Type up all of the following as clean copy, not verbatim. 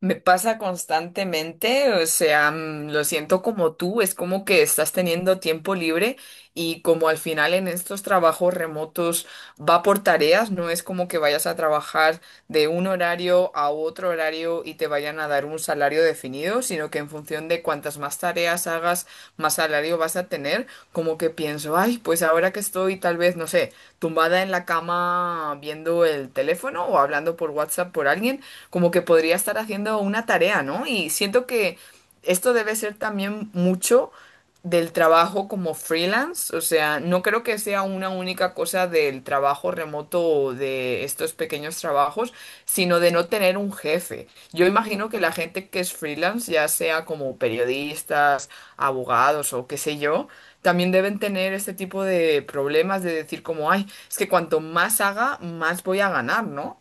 Me pasa constantemente, o sea, lo siento como tú, es como que estás teniendo tiempo libre, y como al final en estos trabajos remotos va por tareas, no es como que vayas a trabajar de un horario a otro horario y te vayan a dar un salario definido, sino que en función de cuantas más tareas hagas, más salario vas a tener, como que pienso, ay, pues ahora que estoy tal vez, no sé, tumbada en la cama viendo el teléfono o hablando por WhatsApp por alguien, como que podría estar haciendo una tarea, ¿no? Y siento que esto debe ser también mucho del trabajo como freelance, o sea, no creo que sea una única cosa del trabajo remoto o de estos pequeños trabajos, sino de no tener un jefe. Yo imagino que la gente que es freelance, ya sea como periodistas, abogados o qué sé yo, también deben tener este tipo de problemas de decir como, ay, es que cuanto más haga, más voy a ganar, ¿no?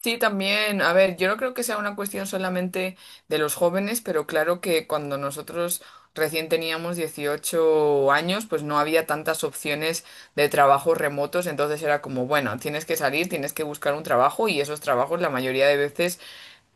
Sí, también. A ver, yo no creo que sea una cuestión solamente de los jóvenes, pero claro que cuando nosotros recién teníamos 18 años, pues no había tantas opciones de trabajos remotos, entonces era como, bueno, tienes que salir, tienes que buscar un trabajo y esos trabajos la mayoría de veces...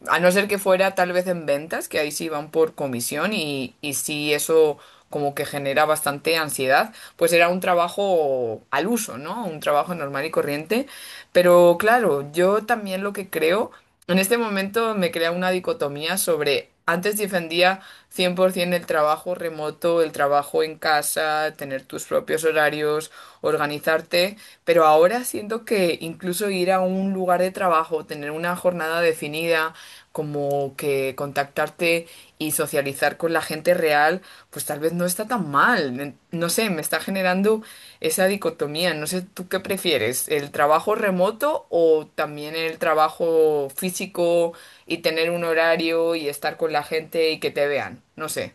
A no ser que fuera tal vez en ventas, que ahí sí van por comisión y sí eso como que genera bastante ansiedad, pues era un trabajo al uso, ¿no? Un trabajo normal y corriente. Pero claro, yo también lo que creo, en este momento me crea una dicotomía sobre antes defendía 100% el trabajo remoto, el trabajo en casa, tener tus propios horarios, organizarte, pero ahora siento que incluso ir a un lugar de trabajo, tener una jornada definida, como que contactarte y socializar con la gente real, pues tal vez no está tan mal. No sé, me está generando esa dicotomía. No sé, ¿tú qué prefieres? ¿El trabajo remoto o también el trabajo físico y tener un horario y estar con la gente y que te vean? No sé.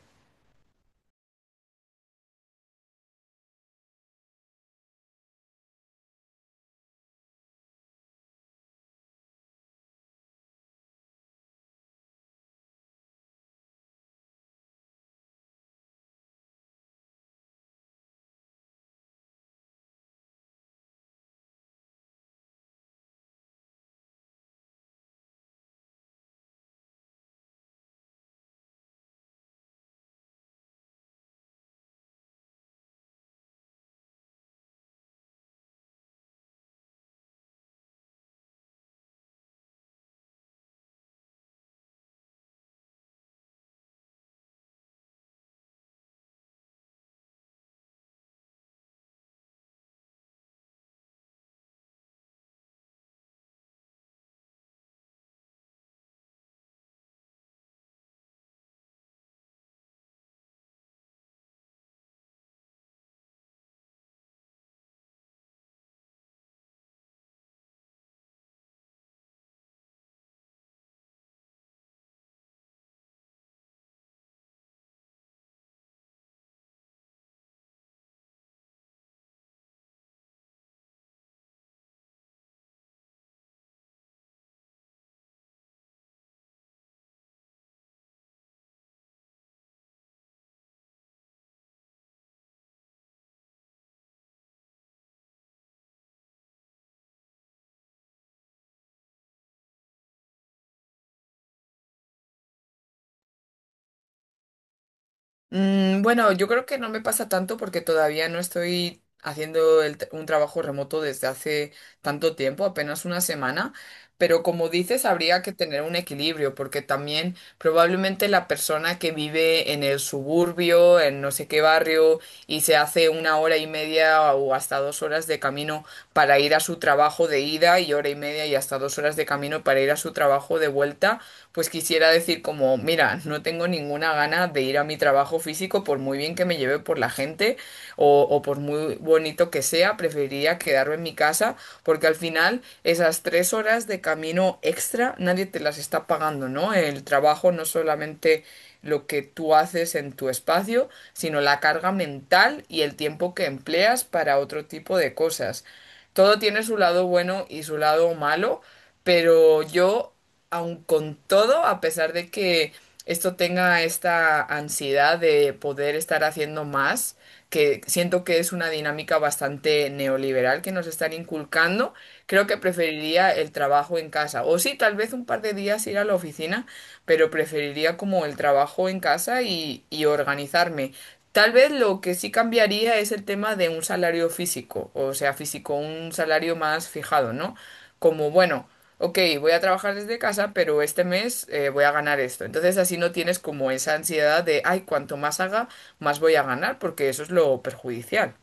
Mm, bueno, yo creo que no me pasa tanto porque todavía no estoy haciendo un trabajo remoto desde hace tanto tiempo, apenas una semana. Pero como dices, habría que tener un equilibrio, porque también probablemente la persona que vive en el suburbio, en no sé qué barrio, y se hace una hora y media o hasta 2 horas de camino para ir a su trabajo de ida y hora y media y hasta 2 horas de camino para ir a su trabajo de vuelta, pues quisiera decir como, mira, no tengo ninguna gana de ir a mi trabajo físico por muy bien que me lleve por la gente o por muy bonito que sea, preferiría quedarme en mi casa porque al final esas 3 horas de camino extra nadie te las está pagando, ¿no? El trabajo no solamente lo que tú haces en tu espacio, sino la carga mental y el tiempo que empleas para otro tipo de cosas. Todo tiene su lado bueno y su lado malo, pero yo, aun con todo, a pesar de que esto tenga esta ansiedad de poder estar haciendo más, que siento que es una dinámica bastante neoliberal que nos están inculcando, creo que preferiría el trabajo en casa. O sí, tal vez un par de días ir a la oficina, pero preferiría como el trabajo en casa y organizarme. Tal vez lo que sí cambiaría es el tema de un salario físico, o sea, físico, un salario más fijado, ¿no? Como, bueno, ok, voy a trabajar desde casa, pero este mes voy a ganar esto. Entonces así no tienes como esa ansiedad de, ay, cuanto más haga, más voy a ganar, porque eso es lo perjudicial.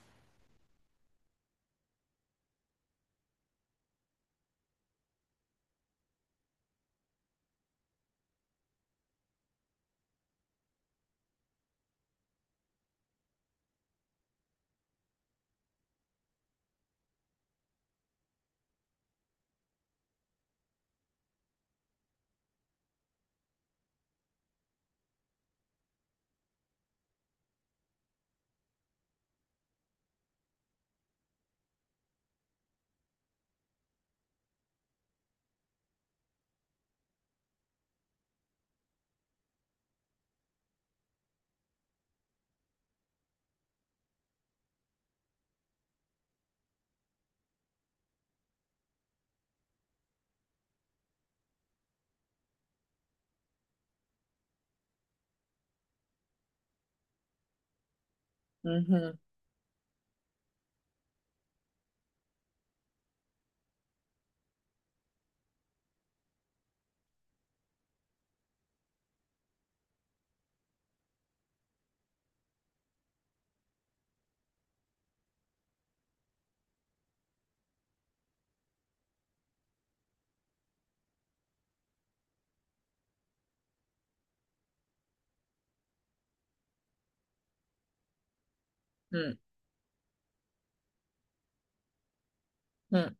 Ujú. Mm, mm.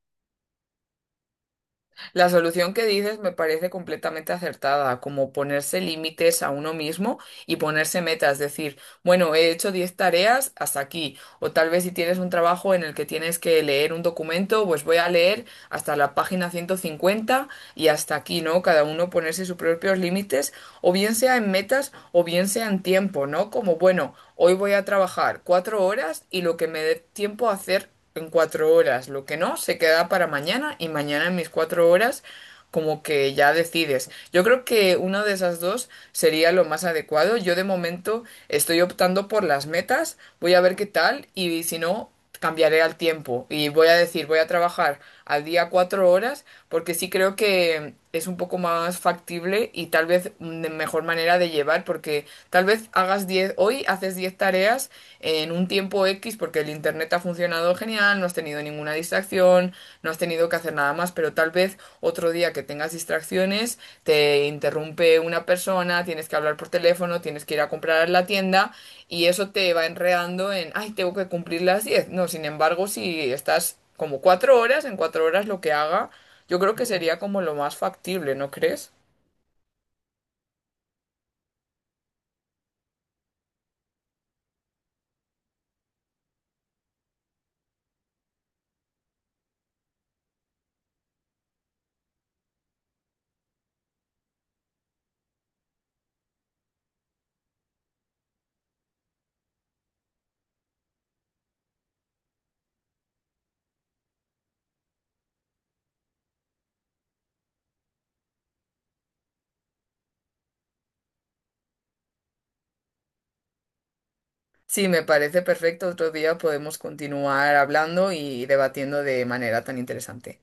La solución que dices me parece completamente acertada, como ponerse límites a uno mismo y ponerse metas, decir, bueno, he hecho 10 tareas hasta aquí, o tal vez si tienes un trabajo en el que tienes que leer un documento, pues voy a leer hasta la página 150 y hasta aquí, ¿no? Cada uno ponerse sus propios límites, o bien sea en metas o bien sea en tiempo, ¿no? Como, bueno, hoy voy a trabajar 4 horas y lo que me dé tiempo a hacer en 4 horas, lo que no, se queda para mañana y mañana en mis 4 horas como que ya decides. Yo creo que una de esas dos sería lo más adecuado. Yo de momento estoy optando por las metas, voy a ver qué tal y si no, cambiaré al tiempo y voy a decir, voy a trabajar al día 4 horas porque sí creo que es un poco más factible y tal vez una mejor manera de llevar porque tal vez hagas diez, hoy haces 10 tareas en un tiempo X porque el internet ha funcionado genial, no has tenido ninguna distracción, no has tenido que hacer nada más, pero tal vez otro día que tengas distracciones te interrumpe una persona, tienes que hablar por teléfono, tienes que ir a comprar a la tienda y eso te va enredando en, ay, tengo que cumplir las 10. No, sin embargo, si estás como 4 horas, en 4 horas lo que haga, yo creo que sería como lo más factible, ¿no crees? Sí, me parece perfecto. Otro día podemos continuar hablando y debatiendo de manera tan interesante.